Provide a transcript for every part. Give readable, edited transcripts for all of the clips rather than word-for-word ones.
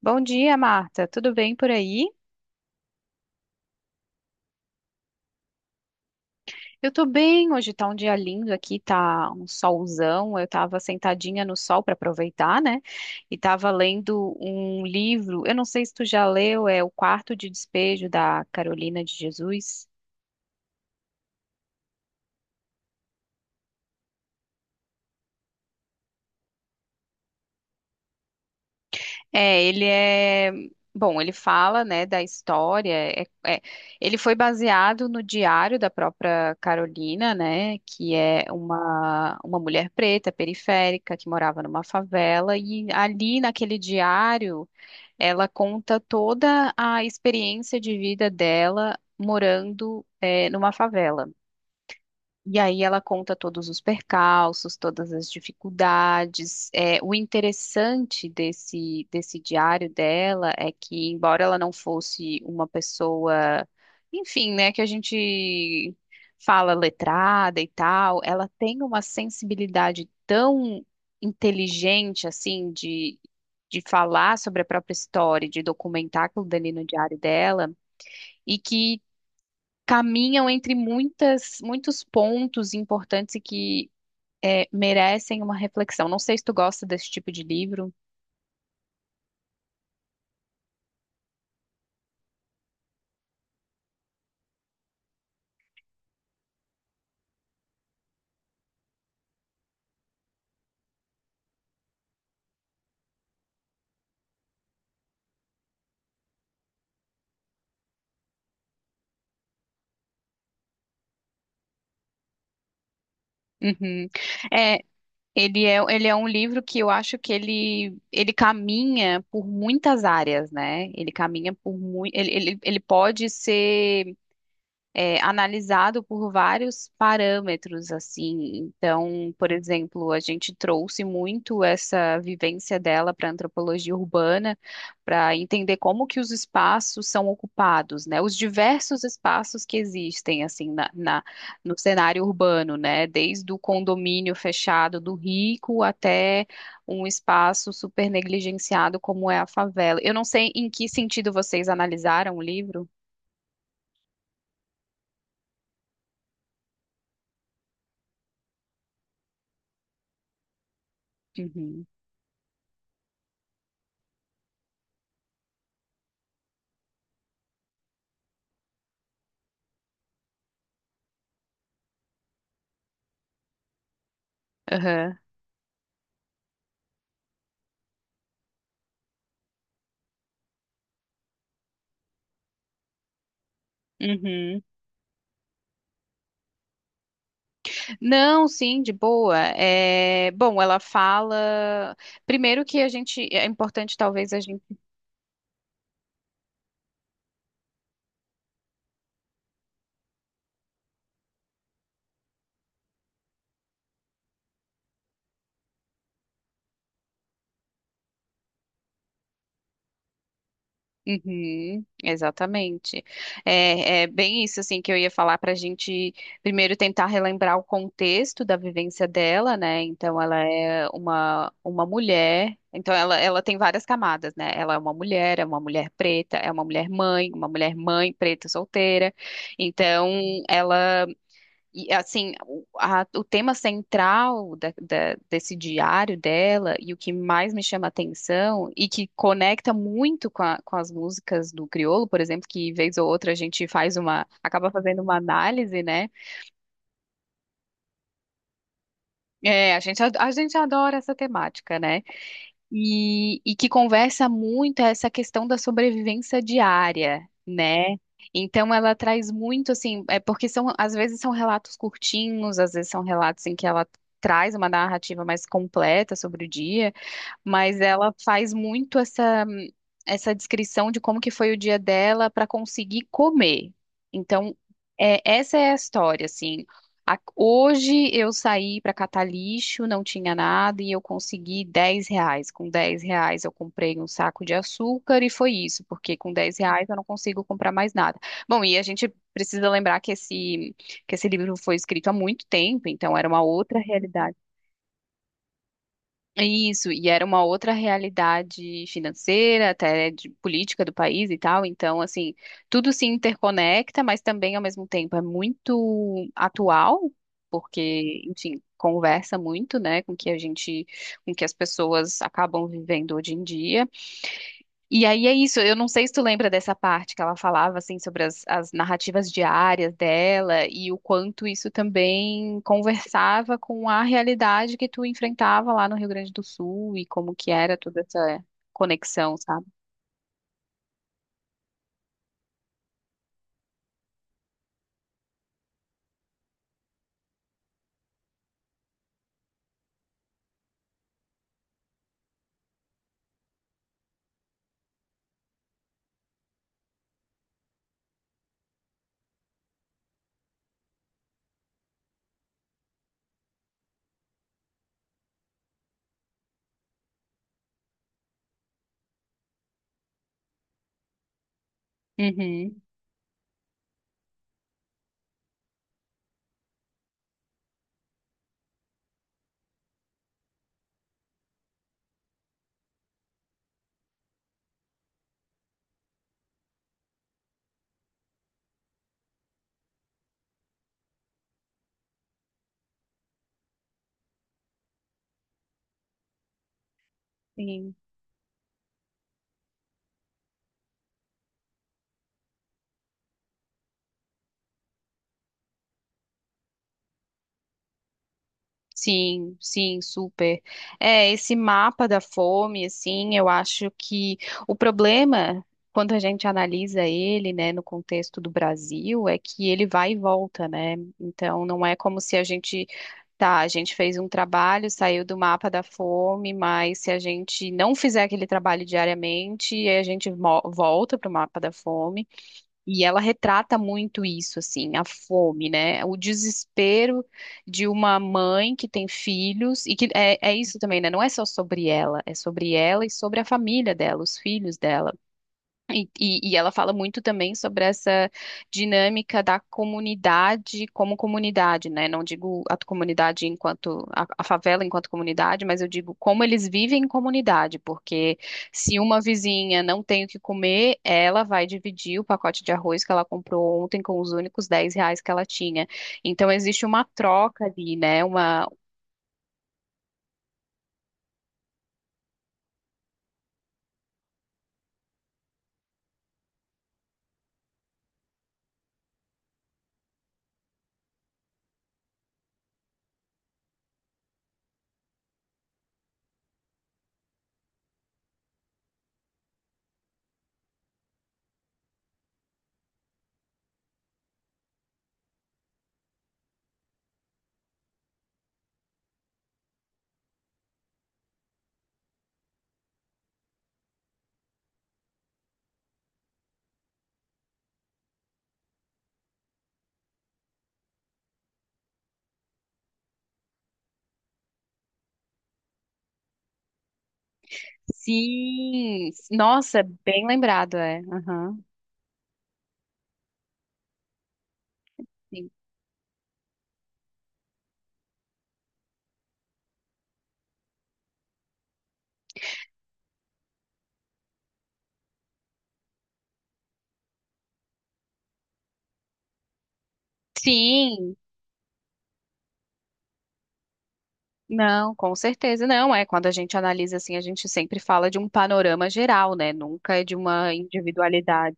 Bom dia, Marta. Tudo bem por aí? Eu tô bem. Hoje tá um dia lindo aqui, tá um solzão. Eu tava sentadinha no sol para aproveitar, né? E tava lendo um livro. Eu não sei se tu já leu, é O Quarto de Despejo da Carolina de Jesus. É, ele é. Bom, ele fala, né, da história. Ele foi baseado no diário da própria Carolina, né, que é uma mulher preta, periférica, que morava numa favela. E ali naquele diário, ela conta toda a experiência de vida dela morando, numa favela. E aí ela conta todos os percalços, todas as dificuldades. É, o interessante desse diário dela é que, embora ela não fosse uma pessoa, enfim, né, que a gente fala letrada e tal, ela tem uma sensibilidade tão inteligente, assim, de falar sobre a própria história, de documentar aquilo dali no diário dela, e que caminham entre muitas, muitos pontos importantes e que merecem uma reflexão. Não sei se tu gosta desse tipo de livro. Uhum. É, ele é um livro que eu acho que ele caminha por muitas áreas, né? Ele caminha por muito. Ele pode ser, analisado por vários parâmetros, assim. Então, por exemplo, a gente trouxe muito essa vivência dela para a antropologia urbana, para entender como que os espaços são ocupados, né? Os diversos espaços que existem, assim, no cenário urbano, né? Desde o condomínio fechado do rico até um espaço super negligenciado como é a favela. Eu não sei em que sentido vocês analisaram o livro. Uhum. Aham. Uhum. Não, sim, de boa. É, bom, ela fala. Primeiro que a gente. É importante, talvez, a gente. Uhum, exatamente. É, é bem isso, assim, que eu ia falar para a gente primeiro tentar relembrar o contexto da vivência dela, né? Então, ela é uma mulher. Então, ela tem várias camadas, né? Ela é uma mulher preta, é uma mulher mãe preta solteira. Então, ela. E assim, o tema central desse diário dela e o que mais me chama atenção e que conecta muito com as músicas do Criolo, por exemplo, que vez ou outra a gente acaba fazendo uma análise, né? É, a gente adora essa temática, né? E que conversa muito essa questão da sobrevivência diária, né? Então ela traz muito assim, é porque são às vezes são relatos curtinhos, às vezes são relatos em que ela traz uma narrativa mais completa sobre o dia, mas ela faz muito essa descrição de como que foi o dia dela para conseguir comer. Então, essa é a história, assim. Hoje eu saí para catar lixo, não tinha nada e eu consegui 10 reais. Com 10 reais eu comprei um saco de açúcar e foi isso, porque com 10 reais eu não consigo comprar mais nada. Bom, e a gente precisa lembrar que esse livro foi escrito há muito tempo, então era uma outra realidade. Isso, e era uma outra realidade financeira, até de política do país e tal. Então, assim, tudo se interconecta, mas também ao mesmo tempo é muito atual, porque, enfim, conversa muito, né, com o que a gente, com o que as pessoas acabam vivendo hoje em dia. E aí é isso, eu não sei se tu lembra dessa parte que ela falava assim sobre as narrativas diárias dela e o quanto isso também conversava com a realidade que tu enfrentava lá no Rio Grande do Sul e como que era toda essa conexão, sabe? Uhum. Sim. Sim, sim, super. É, esse mapa da fome, assim, eu acho que o problema, quando a gente analisa ele, né, no contexto do Brasil, é que ele vai e volta, né? Então, não é como se a gente, tá, a gente fez um trabalho, saiu do mapa da fome, mas se a gente não fizer aquele trabalho diariamente, aí a gente volta para o mapa da fome. E ela retrata muito isso, assim, a fome, né? O desespero de uma mãe que tem filhos, e que é isso também, né? Não é só sobre ela, é sobre ela e sobre a família dela, os filhos dela. E ela fala muito também sobre essa dinâmica da comunidade como comunidade, né? Não digo a comunidade enquanto a favela enquanto comunidade, mas eu digo como eles vivem em comunidade, porque se uma vizinha não tem o que comer, ela vai dividir o pacote de arroz que ela comprou ontem com os únicos 10 reais que ela tinha. Então existe uma troca ali, né? Uma. Sim, nossa, bem lembrado, é. Aham. Sim, sim. Não, com certeza não. É quando a gente analisa assim, a gente sempre fala de um panorama geral, né? Nunca é de uma individualidade.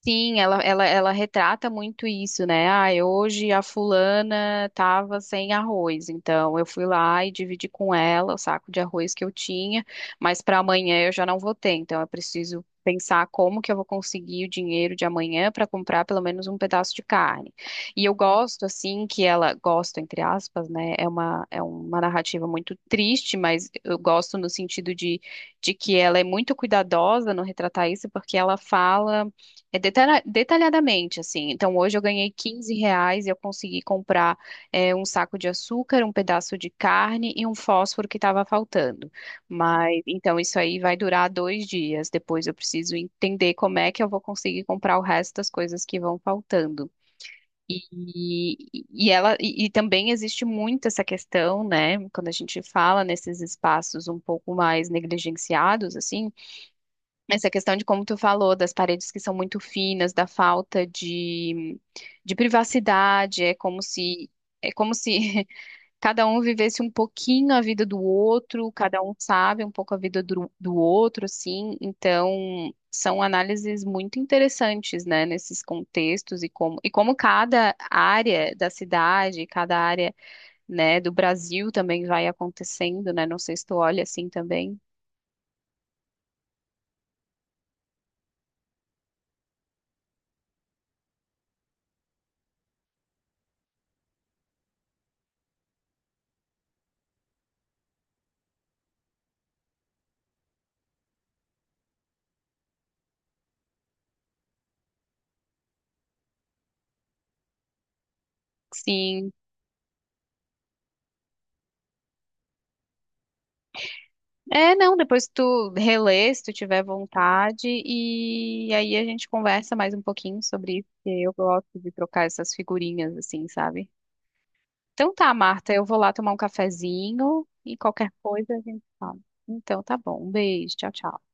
Sim, ela retrata muito isso, né? Ah, hoje a fulana tava sem arroz, então eu fui lá e dividi com ela o saco de arroz que eu tinha, mas para amanhã eu já não vou ter, então eu preciso pensar como que eu vou conseguir o dinheiro de amanhã para comprar pelo menos um pedaço de carne. E eu gosto assim que ela gosto entre aspas, né? É uma narrativa muito triste, mas eu gosto no sentido de que ela é muito cuidadosa no retratar isso, porque ela fala detalhadamente, assim. Então, hoje eu ganhei 15 reais e eu consegui comprar, um saco de açúcar, um pedaço de carne e um fósforo que estava faltando. Mas, então, isso aí vai durar 2 dias. Depois eu preciso entender como é que eu vou conseguir comprar o resto das coisas que vão faltando. E ela e também existe muito essa questão, né? Quando a gente fala nesses espaços um pouco mais negligenciados, assim, essa questão de como tu falou, das paredes que são muito finas, da falta de privacidade, é como se cada um vivesse um pouquinho a vida do outro, cada um sabe um pouco a vida do outro, assim. Então, são análises muito interessantes, né, nesses contextos e como, cada área da cidade, cada área, né, do Brasil também vai acontecendo, né? Não sei se tu olha assim também. Sim. É, não, depois tu relê, se tu tiver vontade, e aí a gente conversa mais um pouquinho sobre isso, porque eu gosto de trocar essas figurinhas, assim, sabe? Então tá, Marta, eu vou lá tomar um cafezinho e qualquer coisa a gente fala. Então tá bom, um beijo, tchau, tchau.